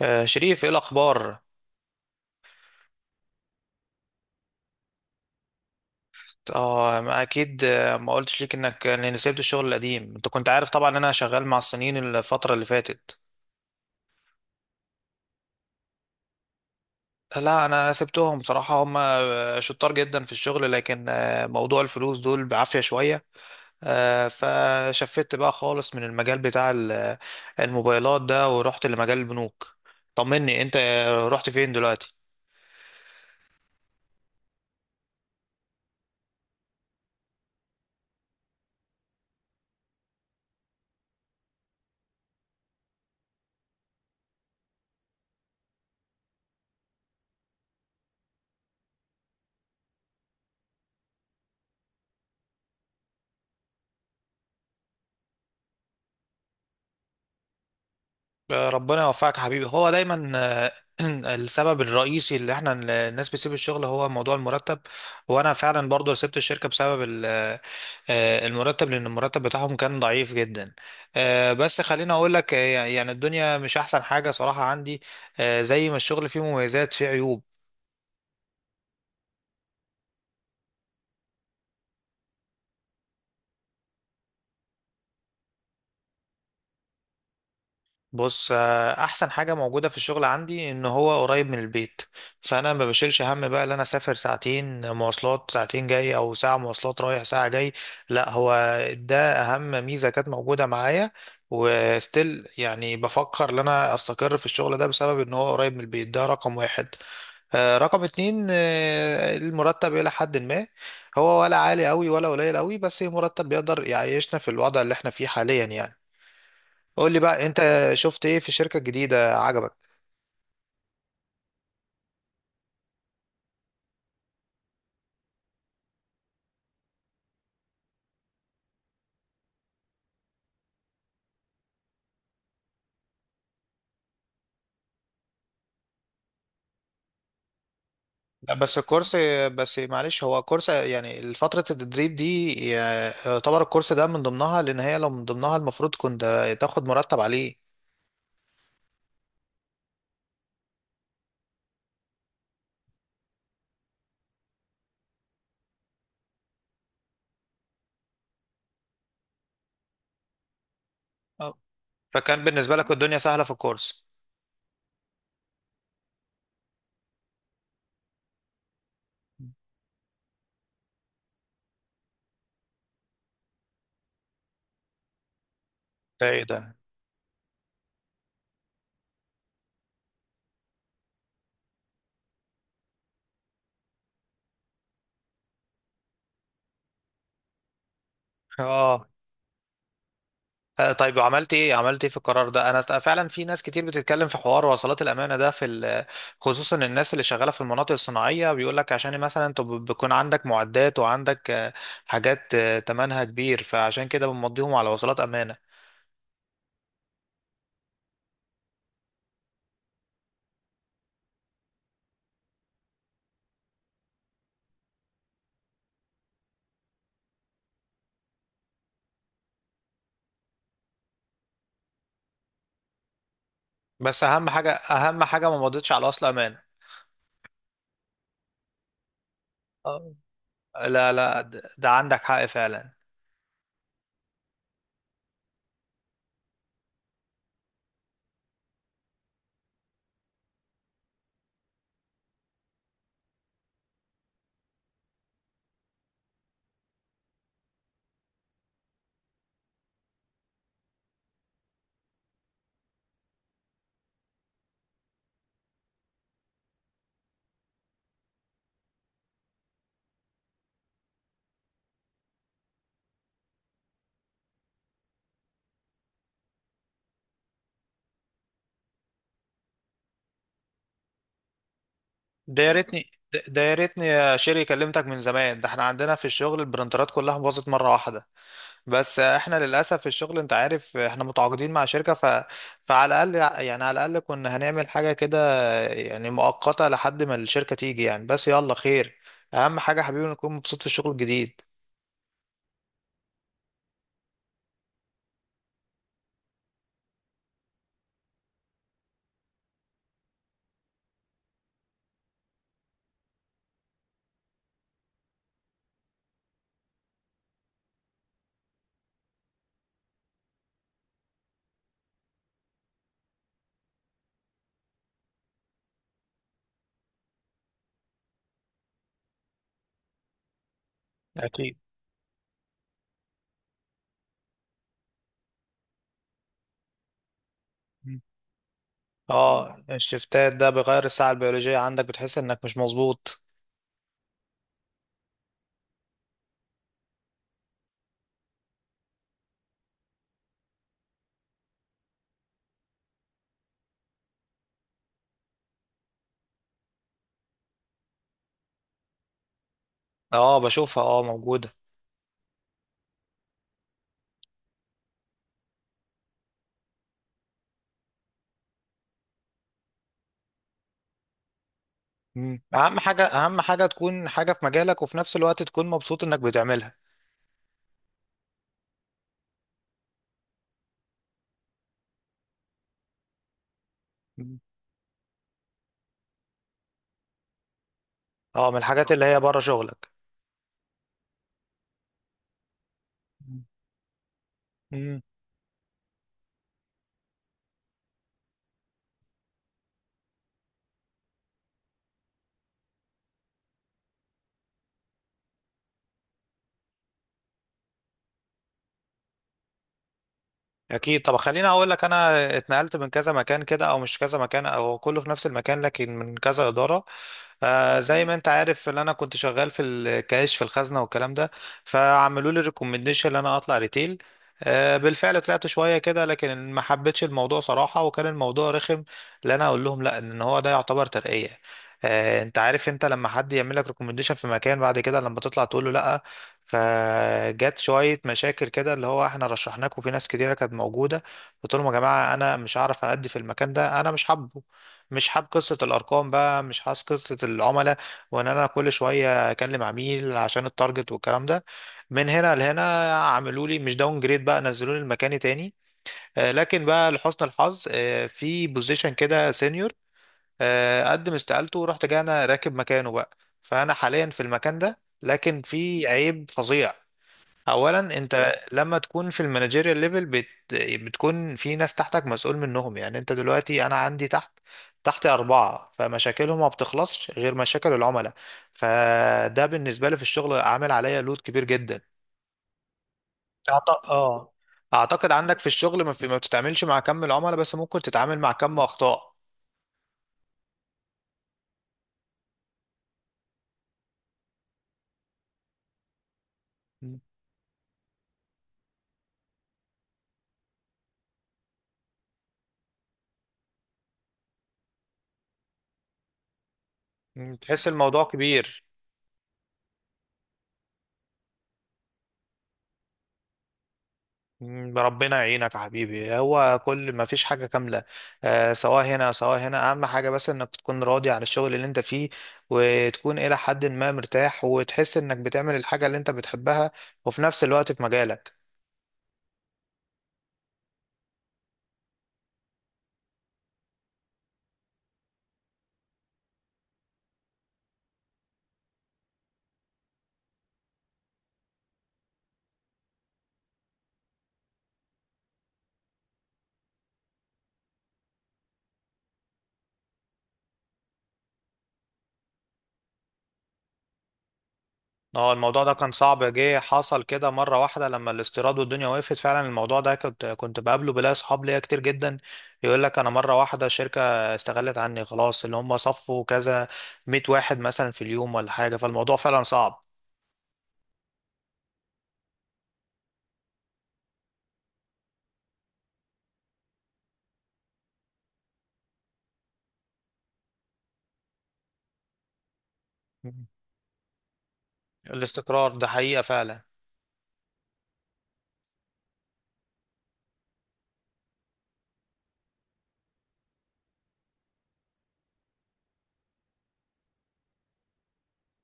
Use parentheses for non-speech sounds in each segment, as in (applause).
شريف ايه الاخبار. اه ما اكيد، ما قلتش ليك انك اني سبت الشغل القديم، انت كنت عارف طبعا ان انا شغال مع الصينيين الفتره اللي فاتت. لا انا سبتهم بصراحه، هم شطار جدا في الشغل، لكن موضوع الفلوس دول بعافيه شويه. فشفت بقى خالص من المجال بتاع الموبايلات ده، ورحت لمجال البنوك. طمني انت، رحت فين دلوقتي؟ ربنا يوفقك يا حبيبي. هو دايما (clears throat) السبب الرئيسي اللي احنا الناس بتسيب الشغل هو موضوع المرتب. وانا فعلا برضو سبت الشركة بسبب المرتب، لان المرتب بتاعهم كان ضعيف جدا. بس خليني اقول لك، يعني الدنيا مش احسن حاجة صراحة عندي. زي ما الشغل فيه مميزات فيه عيوب. بص، احسن حاجه موجوده في الشغل عندي ان هو قريب من البيت. فانا ما بشيلش هم بقى ان انا اسافر ساعتين مواصلات، ساعتين جاي، او ساعه مواصلات رايح ساعه جاي. لا، هو ده اهم ميزه كانت موجوده معايا. وستيل يعني بفكر ان انا استقر في الشغل ده بسبب ان هو قريب من البيت. ده رقم واحد. رقم اتنين، المرتب الى حد ما هو ولا عالي قوي ولا قليل قوي، بس مرتب بيقدر يعيشنا في الوضع اللي احنا فيه حاليا يعني. قول لي بقى انت، شفت ايه في الشركة الجديدة عجبك؟ لا، بس الكورس بس معلش، هو كورس يعني فترة التدريب دي يعتبر الكورس ده من ضمنها، لان هي لو من ضمنها المفروض كنت تاخد مرتب عليه. أه. فكان بالنسبة لك الدنيا سهلة في الكورس. ده ايه ده؟ اه طيب، وعملت ايه، عملت ايه في القرار ده؟ انا فعلا في ناس كتير بتتكلم في حوار وصلات الامانه ده في خصوصا الناس اللي شغاله في المناطق الصناعيه بيقول لك عشان مثلا انت بيكون عندك معدات، وعندك حاجات تمنها كبير، فعشان كده بنمضيهم على وصلات امانه. بس اهم حاجه، اهم حاجه ما مضيتش على وصل امانه. آه. لا لا، ده عندك حق فعلا. ده يا ريتني يا شيري، كلمتك من زمان. ده احنا عندنا في الشغل البرنترات كلها باظت مره واحده. بس احنا للاسف في الشغل، انت عارف احنا متعاقدين مع شركه، فعلى الاقل يعني، على الاقل كنا هنعمل حاجه كده يعني مؤقته لحد ما الشركه تيجي يعني. بس يلا خير، اهم حاجه حبيبي نكون مبسوط في الشغل الجديد. أكيد. مم. اه، الشفتات ده بيغير الساعه البيولوجيه عندك، بتحس انك مش مظبوط. اه بشوفها، اه موجوده. مم. اهم حاجه، اهم حاجه تكون حاجه في مجالك وفي نفس الوقت تكون مبسوط انك بتعملها. مم. اه، من الحاجات اللي هي بره شغلك. مم. مم. اكيد. طب خليني اقول لك، انا اتنقلت من كذا مكان كده، او مش كذا مكان، او كله في نفس المكان لكن من كذا اداره. آه، زي ما انت عارف ان انا كنت شغال في الكاش في الخزنه والكلام ده. فعملوا لي ريكومنديشن ان انا اطلع ريتيل. آه، بالفعل طلعت شويه كده لكن ما حبيتش الموضوع صراحه، وكان الموضوع رخم، لان انا اقول لهم لا ان هو ده يعتبر ترقيه. انت عارف انت لما حد يعمل لك ريكومنديشن في مكان بعد كده لما تطلع تقول له لا، فجت شوية مشاكل كده اللي هو احنا رشحناك وفي ناس كتيرة كانت موجودة. قلت لهم يا جماعة انا مش هعرف أأدي في المكان ده، انا مش حابه، مش حاب قصة الأرقام بقى، مش حاسس قصة العملاء، وإن أنا كل شوية أكلم عميل عشان التارجت والكلام ده. من هنا لهنا عملوا لي مش داون جريد بقى، نزلوا لي المكان تاني. لكن بقى لحسن الحظ في بوزيشن كده سينيور، قدم استقالته ورحت جاي أنا راكب مكانه بقى. فأنا حاليا في المكان ده، لكن في عيب فظيع. اولا انت لما تكون في المانجيريال ليفل بتكون في ناس تحتك مسؤول منهم. يعني انت دلوقتي، انا عندي تحتي اربعه، فمشاكلهم ما بتخلصش غير مشاكل العملاء، فده بالنسبه لي في الشغل عامل عليا لود كبير جدا. أعط- اه اعتقد عندك في الشغل ما بتتعاملش مع كم العملاء، بس ممكن تتعامل مع كم اخطاء. م- م. تحس الموضوع كبير. ربنا يعينك يا حبيبي، هو كل ما فيش حاجة كاملة. آه، سواء هنا سواء هنا، أهم حاجة بس إنك تكون راضي عن الشغل اللي أنت فيه، وتكون إلى حد ما مرتاح، وتحس إنك بتعمل الحاجة اللي أنت بتحبها، وفي نفس الوقت في مجالك. اه، الموضوع ده كان صعب. جه حصل كده مرة واحدة لما الاستيراد والدنيا وقفت، فعلا الموضوع ده كنت بقابله، بلاقي أصحاب ليا كتير جدا يقول لك: أنا مرة واحدة شركة استغلت عني خلاص، اللي هم صفوا كذا 100 واحد مثلا في اليوم ولا حاجة. فالموضوع فعلا صعب. الاستقرار ده حقيقة فعلا.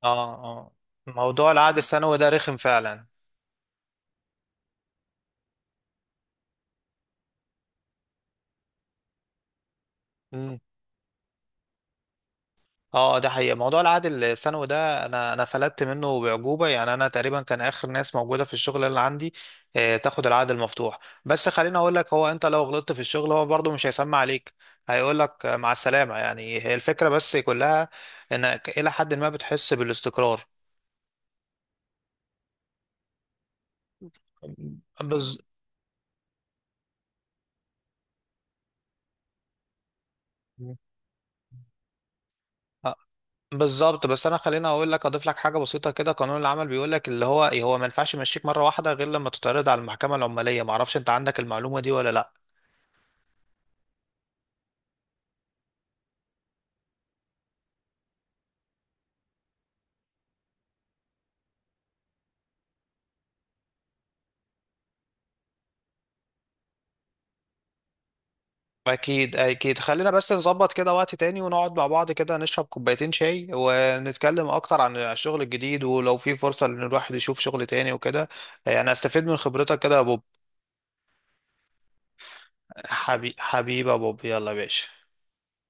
اه اه، موضوع العقد السنوي ده رخم فعلا. مم. اه، ده حقيقة موضوع العقد السنوي ده انا فلتت منه بعجوبة، يعني انا تقريبا كان اخر ناس موجودة في الشغل اللي عندي. آه، تاخد العقد المفتوح. بس خليني اقول لك، هو انت لو غلطت في الشغل هو برضه مش هيسمع عليك، هيقول لك مع السلامة. يعني هي الفكرة بس كلها انك الى حد ما بتحس بالاستقرار. بز... بالظبط. بس انا خليني اقول لك اضيف لك حاجه بسيطه كده، قانون العمل بيقول لك اللي هو إيه، هو ما ينفعش يمشيك مره واحده غير لما تتعرض على المحكمه العماليه. ما اعرفش انت عندك المعلومه دي ولا لا؟ اكيد اكيد. خلينا بس نظبط كده وقت تاني ونقعد مع بعض كده، نشرب كوبايتين شاي ونتكلم اكتر عن الشغل الجديد، ولو في فرصه ان الواحد يشوف شغل تاني وكده، يعني استفيد من خبرتك كده يا بوب. حبيبي يا بوب، يلا يا باشا.